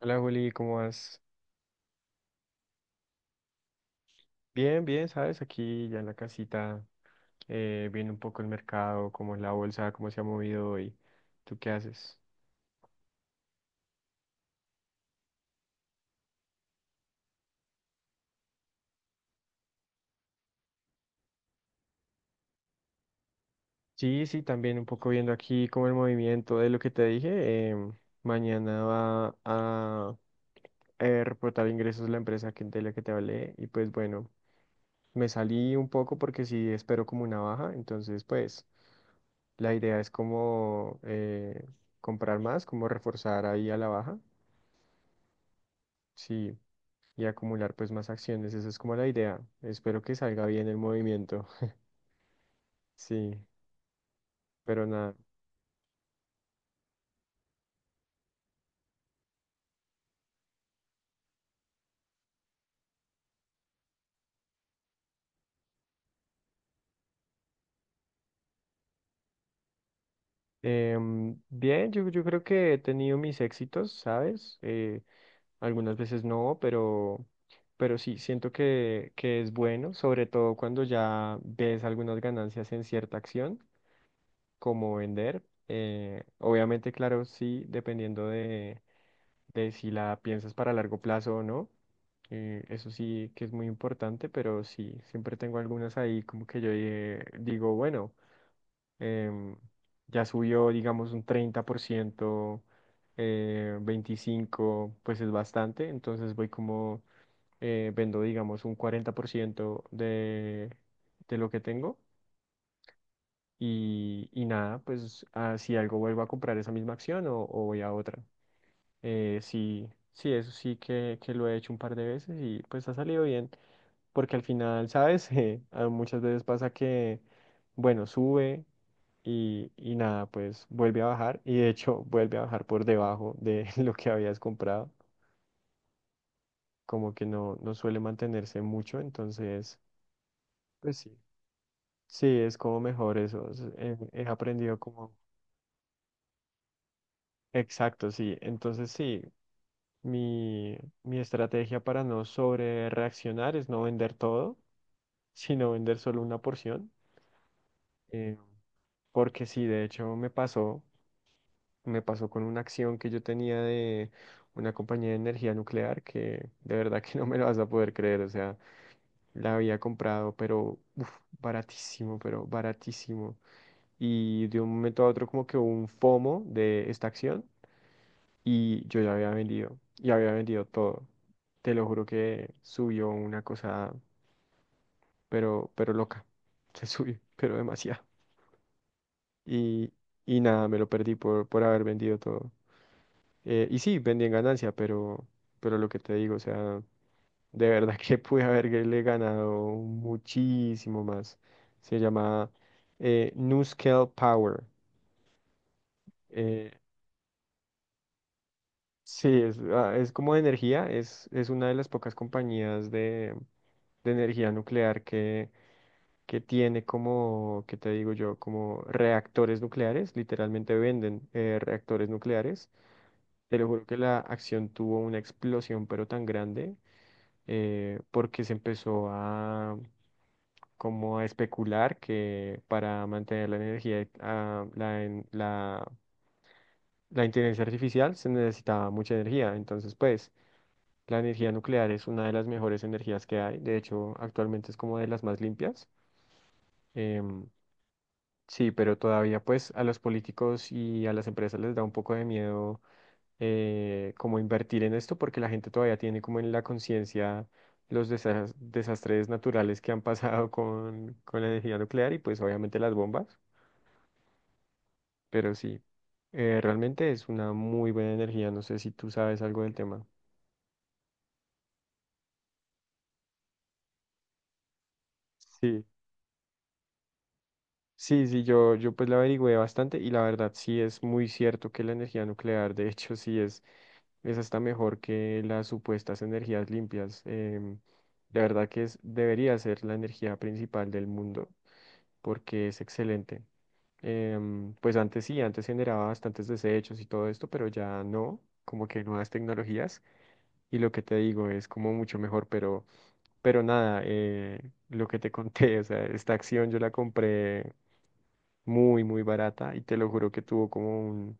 Hola Juli, ¿cómo vas? Bien, bien, ¿sabes? Aquí ya en la casita, viendo un poco el mercado, cómo es la bolsa, cómo se ha movido hoy. ¿Tú qué haces? Sí, sí, también un poco viendo aquí como el movimiento de lo que te dije. Mañana va a reportar ingresos la empresa de la que te hablé, y pues bueno, me salí un poco porque sí espero como una baja. Entonces pues la idea es como comprar más, como reforzar ahí a la baja. Sí. Y acumular pues más acciones. Esa es como la idea. Espero que salga bien el movimiento. Sí, pero nada. Bien, yo creo que he tenido mis éxitos, ¿sabes? Algunas veces no, pero sí, siento que es bueno, sobre todo cuando ya ves algunas ganancias en cierta acción, como vender. Obviamente, claro, sí, dependiendo de si la piensas para largo plazo o no. Eso sí que es muy importante, pero sí, siempre tengo algunas ahí como que yo digo, bueno, em, ya subió, digamos, un 30%, 25%, pues es bastante. Entonces voy como, vendo, digamos, un 40% de, lo que tengo. Y nada, pues si algo vuelvo a comprar esa misma acción o voy a otra. Sí, sí, eso sí que lo he hecho un par de veces y pues ha salido bien, porque al final, ¿sabes? Muchas veces pasa que, bueno, sube y nada, pues vuelve a bajar. Y de hecho vuelve a bajar por debajo de lo que habías comprado, como que no suele mantenerse mucho. Entonces, pues sí, sí, es como mejor eso. He aprendido como, exacto, sí, entonces sí, mi, mi estrategia para no sobre reaccionar es no vender todo sino vender solo una porción. eh, Porque sí, de hecho me pasó con una acción que yo tenía de una compañía de energía nuclear, que de verdad que no me lo vas a poder creer. O sea, la había comprado, pero uf, baratísimo, pero baratísimo. Y de un momento a otro como que hubo un FOMO de esta acción, y yo ya había vendido todo. Te lo juro que subió una cosa, pero loca. Se subió, pero demasiado. Y, y nada, me lo perdí por haber vendido todo. Y sí, vendí en ganancia, pero lo que te digo, o sea, de verdad que pude haberle ganado muchísimo más. Se llama NuScale Power. Eh, sí, es como de energía. Es una de las pocas compañías de, energía nuclear que tiene como, ¿qué te digo yo? Como reactores nucleares, literalmente venden reactores nucleares. Te lo juro que la acción tuvo una explosión, pero tan grande, porque se empezó a como a especular que para mantener la energía, ah, la, en- la, la inteligencia artificial se necesitaba mucha energía. Entonces, pues, la energía nuclear es una de las mejores energías que hay. De hecho, actualmente es como de las más limpias. Em, sí, pero todavía, pues, a los políticos y a las empresas les da un poco de miedo como invertir en esto, porque la gente todavía tiene como en la conciencia los desastres naturales que han pasado con, la energía nuclear y pues obviamente las bombas. Pero sí, realmente es una muy buena energía. No sé si tú sabes algo del tema. Sí, sí, sí, yo pues la averigüé bastante, y la verdad sí es muy cierto que la energía nuclear, de hecho sí es hasta mejor que las supuestas energías limpias. De verdad que debería ser la energía principal del mundo. Porque es excelente. Pues antes sí, antes generaba bastantes desechos y todo esto, pero ya no, como que nuevas tecnologías. Y lo que te digo es como mucho mejor, pero nada, lo que te conté. O sea, esta acción yo la compré muy, muy barata, y te lo juro que tuvo como un,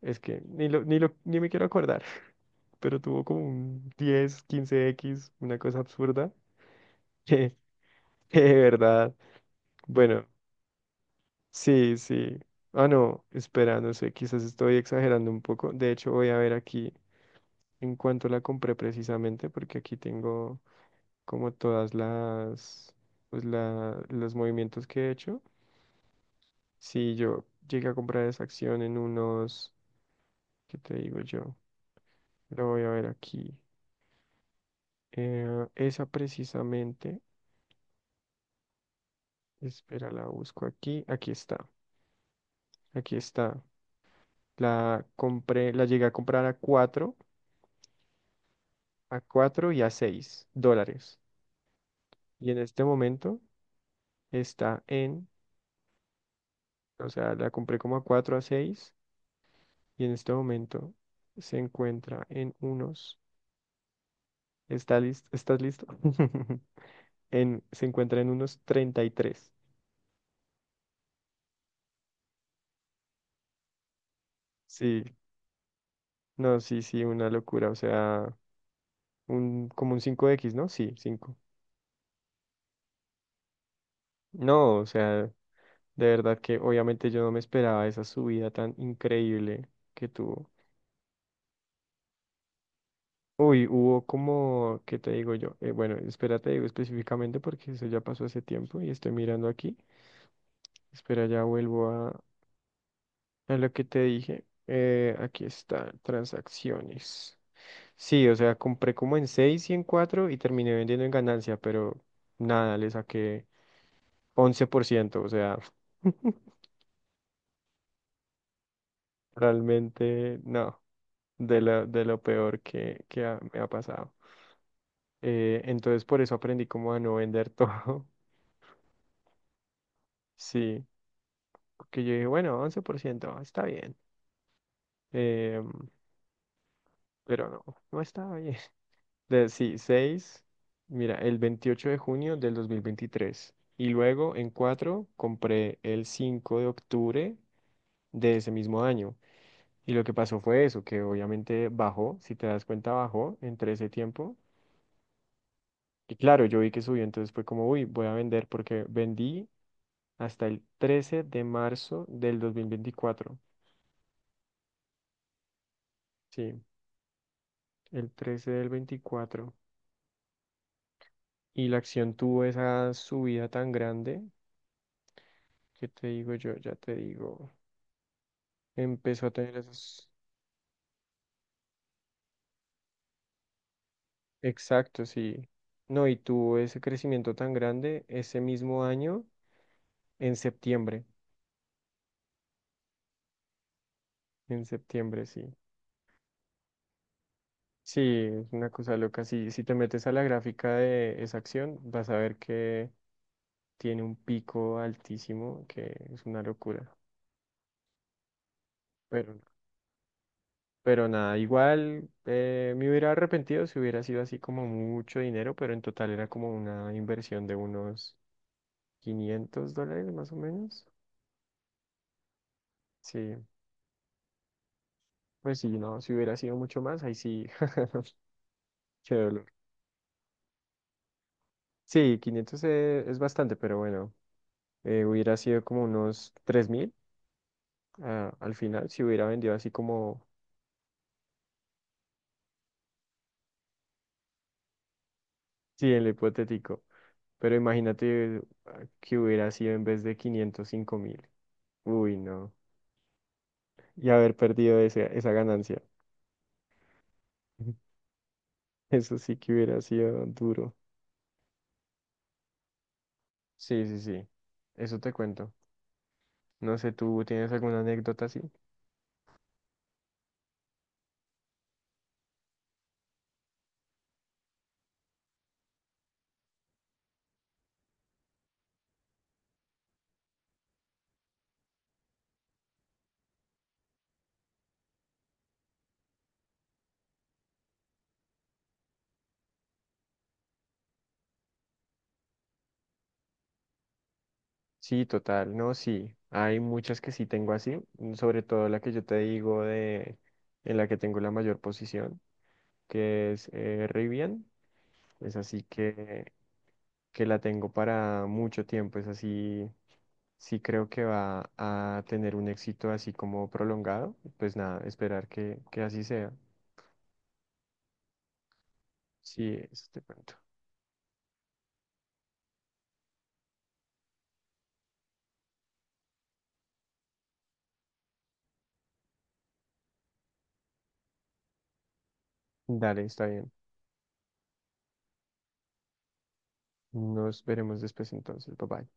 es que ni me quiero acordar, pero tuvo como un 10-15X, una cosa absurda, que que de verdad. Bueno, sí, sí. Ah, no, espera, no sé, quizás estoy exagerando un poco. De hecho, voy a ver aquí en cuánto la compré precisamente, porque aquí tengo como todas las, los movimientos que he hecho. Si yo llegué a comprar esa acción en unos, ¿qué te digo yo? Lo voy a ver aquí. Esa precisamente, espera, la busco aquí. Aquí está, aquí está. La compré, la llegué a comprar a 4. A 4 y a 6 dólares. Y en este momento está en, o sea, la compré como a 4 a seis, y en este momento se encuentra en unos, ¿está listo? ¿Estás listo? En, se encuentra en unos 33. Sí, no, sí, sí, una locura, o sea, un, como un 5X, ¿no? Sí, cinco. No, o sea, de verdad que obviamente yo no me esperaba esa subida tan increíble que tuvo. Uy, hubo como, ¿qué te digo yo? Bueno, espera, te digo específicamente porque eso ya pasó hace tiempo y estoy mirando aquí. Espera, ya vuelvo a, lo que te dije. Aquí está, transacciones. Sí, o sea, compré como en 6 y en 4 y terminé vendiendo en ganancia, pero nada, le saqué 11%, o sea, realmente no, de lo peor me ha pasado. Entonces por eso aprendí como a no vender todo. Sí, porque yo dije, bueno, 11% está bien. Em, pero no, no estaba bien. Sí, seis, mira, el 28 de junio de 2023. Y luego en 4 compré el 5 de octubre de ese mismo año. Y lo que pasó fue eso, que obviamente bajó, si te das cuenta, bajó entre ese tiempo. Y claro, yo vi que subió. Entonces fue como, uy, voy a vender, porque vendí hasta el 13 de marzo de 2024. Sí. El 13 del 24. Y la acción tuvo esa subida tan grande, que te digo yo, ya te digo, empezó a tener esos exactos. Y no, y tuvo ese crecimiento tan grande ese mismo año en septiembre, en septiembre, sí. Sí, es una cosa loca. Sí, si te metes a la gráfica de esa acción, vas a ver que tiene un pico altísimo, que es una locura. Pero, nada, igual me hubiera arrepentido si hubiera sido así como mucho dinero, pero en total era como una inversión de unos $500 más o menos. Sí, pues sí, no, si hubiera sido mucho más, ahí sí, qué dolor. Sí, 500 es bastante, pero bueno, hubiera sido como unos 3000, al final, si hubiera vendido así como, sí, en lo hipotético. Pero imagínate que hubiera sido en vez de quinientos, 5000. Uy, no. Y haber perdido esa ganancia. Eso sí que hubiera sido duro. Sí, sí, sí. Eso te cuento. No sé, ¿tú tienes alguna anécdota así? Sí, total. No, sí. Hay muchas que sí tengo así. Sobre todo la que yo te digo de en la que tengo la mayor posición, que es Rivian. Es así que la tengo para mucho tiempo. Es así. Sí, creo que va a tener un éxito así como prolongado. Pues nada, esperar que así sea. Sí, eso te cuento. Dale, está bien. Nos veremos después entonces. Bye bye.